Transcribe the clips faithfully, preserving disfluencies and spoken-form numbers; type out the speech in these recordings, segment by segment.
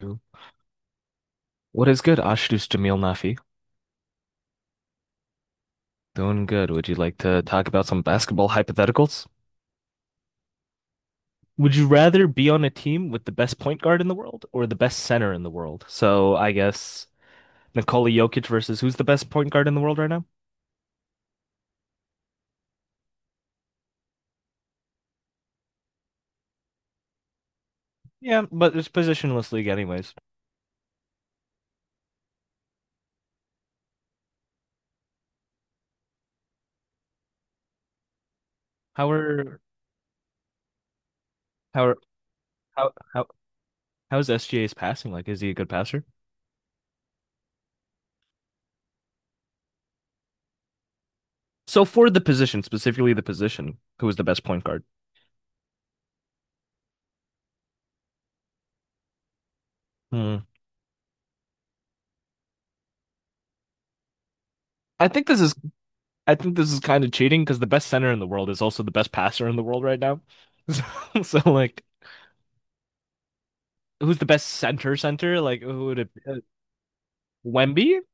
Cool. What is good, Ashdus Jamil Nafi? Doing good. Would you like to talk about some basketball hypotheticals? Would you rather be on a team with the best point guard in the world or the best center in the world? So I guess Nikola Jokic versus who's the best point guard in the world right now? Yeah, but it's positionless league anyways. How are how are how how how is S G A's passing like? Is he a good passer? So for the position, specifically the position, who is the best point guard? Hmm. I think this is I think this is kind of cheating because the best center in the world is also the best passer in the world right now. So, so like, who's the best center center? Like, who would it be? Uh, Wemby?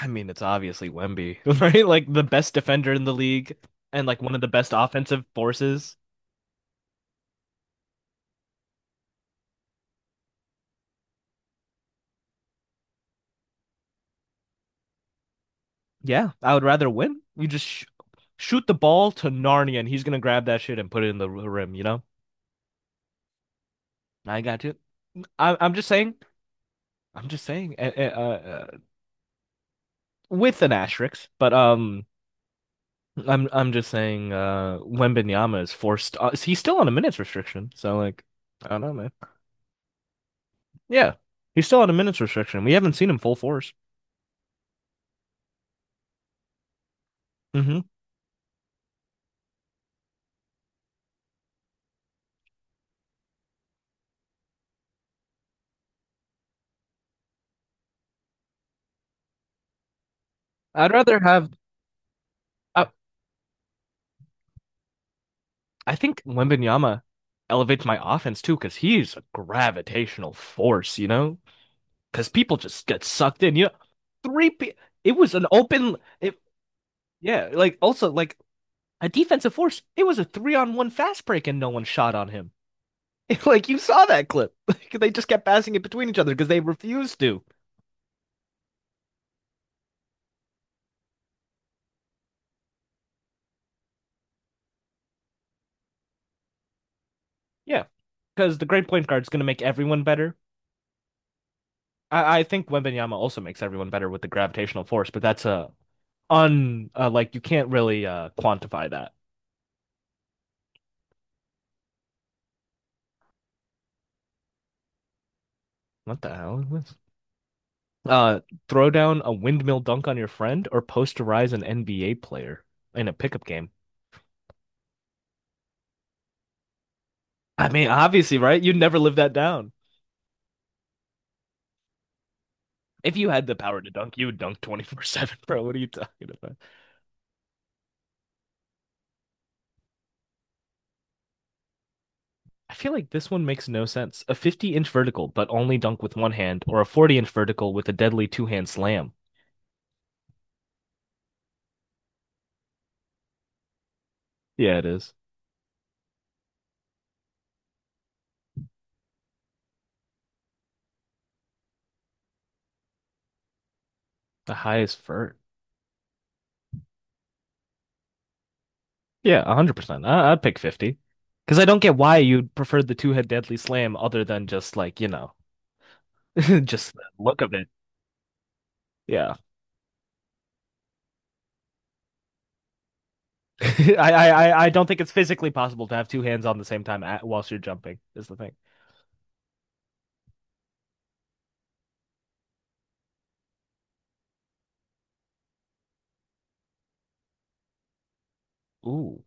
I mean, it's obviously Wemby, right? Like the best defender in the league and like one of the best offensive forces. Yeah, I would rather win. You just sh Shoot the ball to Narnia and he's gonna grab that shit and put it in the rim, you know? I got you. I I'm just saying. I'm just saying. Uh, uh, uh, with an asterisk, but um. I'm I'm just saying, uh Wembanyama is forced uh, He's still on a minutes restriction. So like I don't know, man. Yeah. He's still on a minutes restriction. We haven't seen him full force. hmm I'd rather have, I, I think Wembanyama elevates my offense too because he's a gravitational force, you know? Because people just get sucked in. You know, three pe it was an open it, yeah, like also like a defensive force. It was a three on one fast break and no one shot on him. Like you saw that clip. They just kept passing it between each other because they refused to. Yeah, because the great point guard is going to make everyone better. I, I think Wembanyama also makes everyone better with the gravitational force, but that's a un uh, like you can't really uh, quantify that. What the hell is this? Uh, Throw down a windmill dunk on your friend or posterize an N B A player in a pickup game. I mean, obviously, right? You'd never live that down. If you had the power to dunk, you would dunk twenty-four seven, bro. What are you talking about? I feel like this one makes no sense. A fifty inch vertical, but only dunk with one hand, or a forty inch vertical with a deadly two hand slam. Yeah, it is. The highest vert. Yeah, one hundred percent. I- I'd pick fifty. Because I don't get why you'd prefer the two head deadly slam other than just, like, you know, just the look of it. Yeah. I, I I don't think it's physically possible to have two hands on the same time at, whilst you're jumping is the thing. Ooh.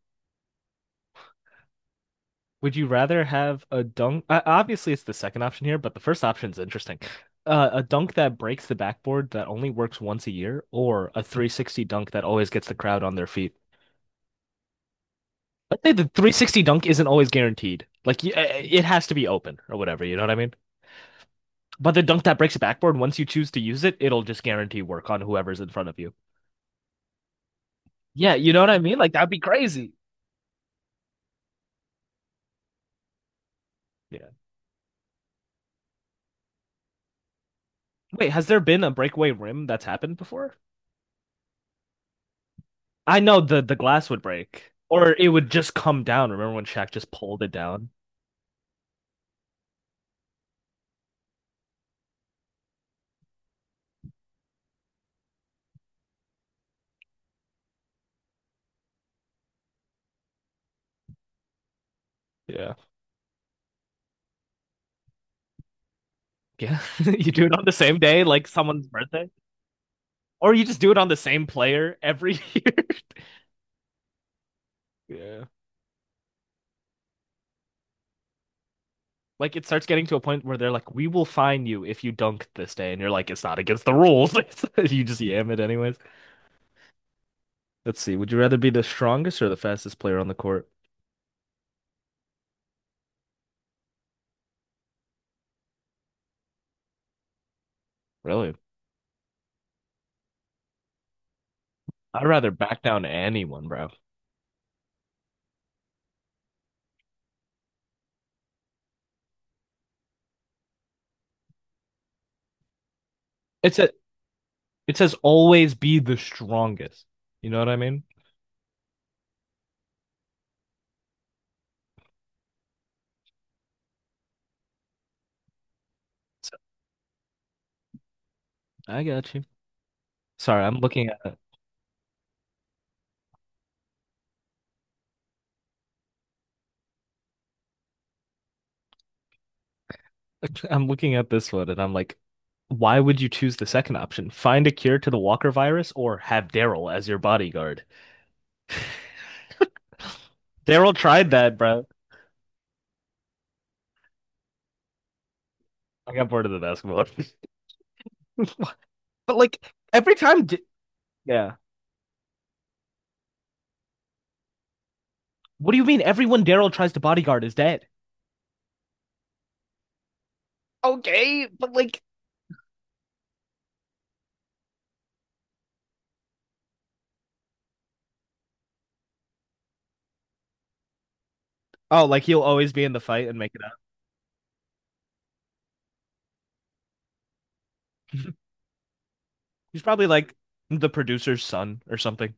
Would you rather have a dunk? Uh, obviously, it's the second option here, but the first option's interesting. Uh, a dunk that breaks the backboard that only works once a year, or a three sixty dunk that always gets the crowd on their feet. I'd say the three sixty dunk isn't always guaranteed. Like y- uh, it has to be open or whatever, you know what I mean? But the dunk that breaks the backboard, once you choose to use it, it'll just guarantee work on whoever's in front of you. Yeah, you know what I mean? Like that'd be crazy. Yeah. Wait, has there been a breakaway rim that's happened before? I know the the glass would break or it would just come down. Remember when Shaq just pulled it down? Yeah. Yeah. You do it on the same day, like someone's birthday? Or you just do it on the same player every year. Yeah. Like it starts getting to a point where they're like, "We will fine you if you dunk this day," and you're like, "It's not against the rules." You just yam it anyways. Let's see. Would you rather be the strongest or the fastest player on the court? Really? I'd rather back down to anyone, bro. It's a. It says always be the strongest. You know what I mean? So, I got you. Sorry, I'm looking at. I'm looking at this one, and I'm like, why would you choose the second option? Find a cure to the Walker virus, or have Daryl as your bodyguard? Daryl tried that, bro. I got bored of the basketball. But like every time, D- yeah. What do you mean? Everyone Daryl tries to bodyguard is dead. Okay, but like oh, like he'll always be in the fight and make it up. He's probably like the producer's son or something,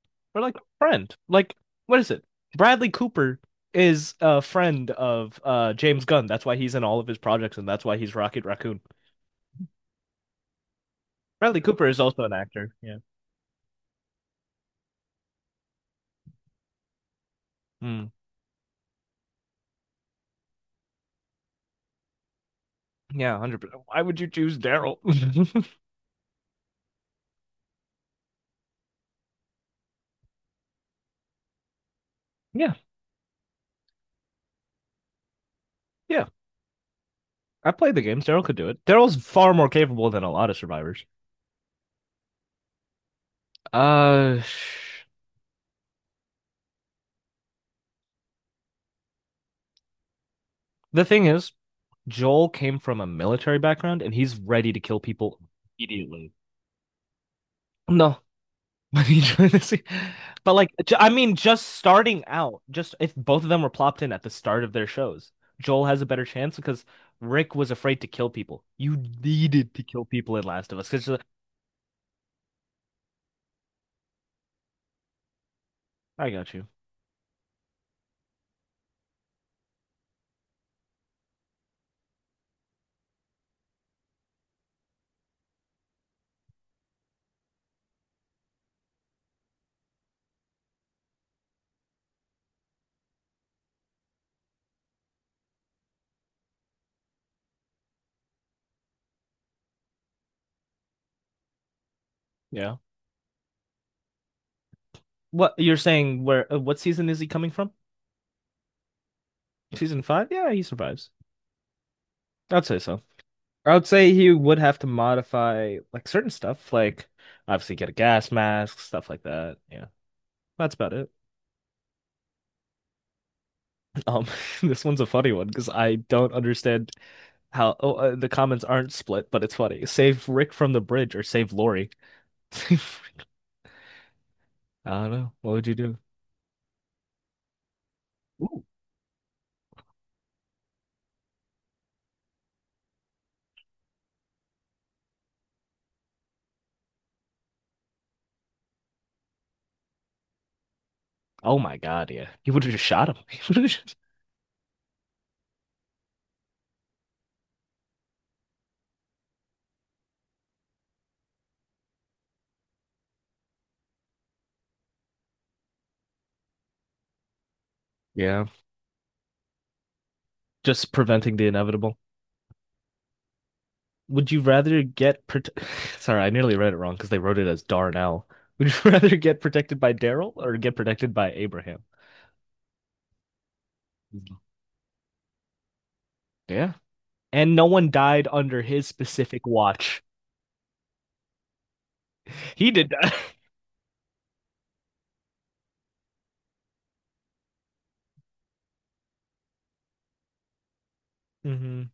or like a friend. Like what is it? Bradley Cooper is a friend of uh James Gunn. That's why he's in all of his projects, and that's why he's Rocket Raccoon. Bradley Cooper is also an actor. Yeah. Hmm. Yeah, one hundred percent. Why would you choose Daryl? Yeah, yeah. I played the games. Daryl could do it. Daryl's far more capable than a lot of survivors. Uh, the thing is, Joel came from a military background and he's ready to kill people immediately. No, but like, I mean, just starting out, just if both of them were plopped in at the start of their shows, Joel has a better chance because Rick was afraid to kill people. You needed to kill people in Last of Us because like, I got you. Yeah. What you're saying? Where? uh, What season is he coming from? Season five? Yeah, he survives. I'd say so. I would say he would have to modify like certain stuff, like obviously get a gas mask, stuff like that. Yeah, that's about it. Um, this one's a funny one because I don't understand how oh, uh, the comments aren't split, but it's funny. Save Rick from the bridge or save Lori. Save Rick. I don't know. What would you do? Ooh. Oh my God, yeah. He would have just shot him. He would have just... Yeah, just preventing the inevitable. Would you rather get prote Sorry, I nearly read it wrong because they wrote it as Darnell. Would you rather get protected by Daryl or get protected by Abraham? Yeah. And no one died under his specific watch. He did die. Mhm.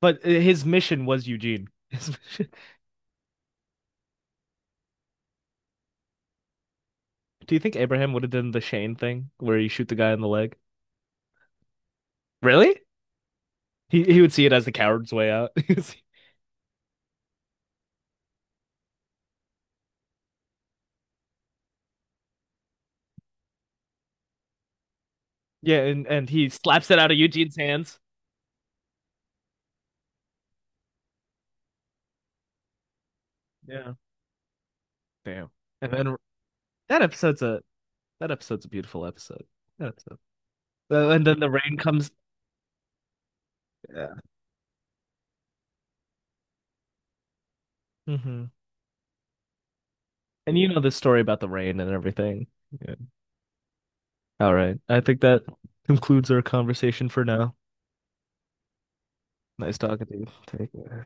But uh, his mission was Eugene. His mission- Do you think Abraham would have done the Shane thing where you shoot the guy in the leg? Really? He he would see it as the coward's way out. Yeah, and, and he slaps it out of Eugene's hands. Yeah. Damn. And then that episode's a That episode's a beautiful episode. That episode. Uh, and then the rain comes. Yeah. Hmm. And you know the story about the rain and everything. Yeah. All right. I think that concludes our conversation for now. Nice talking to you. Take care.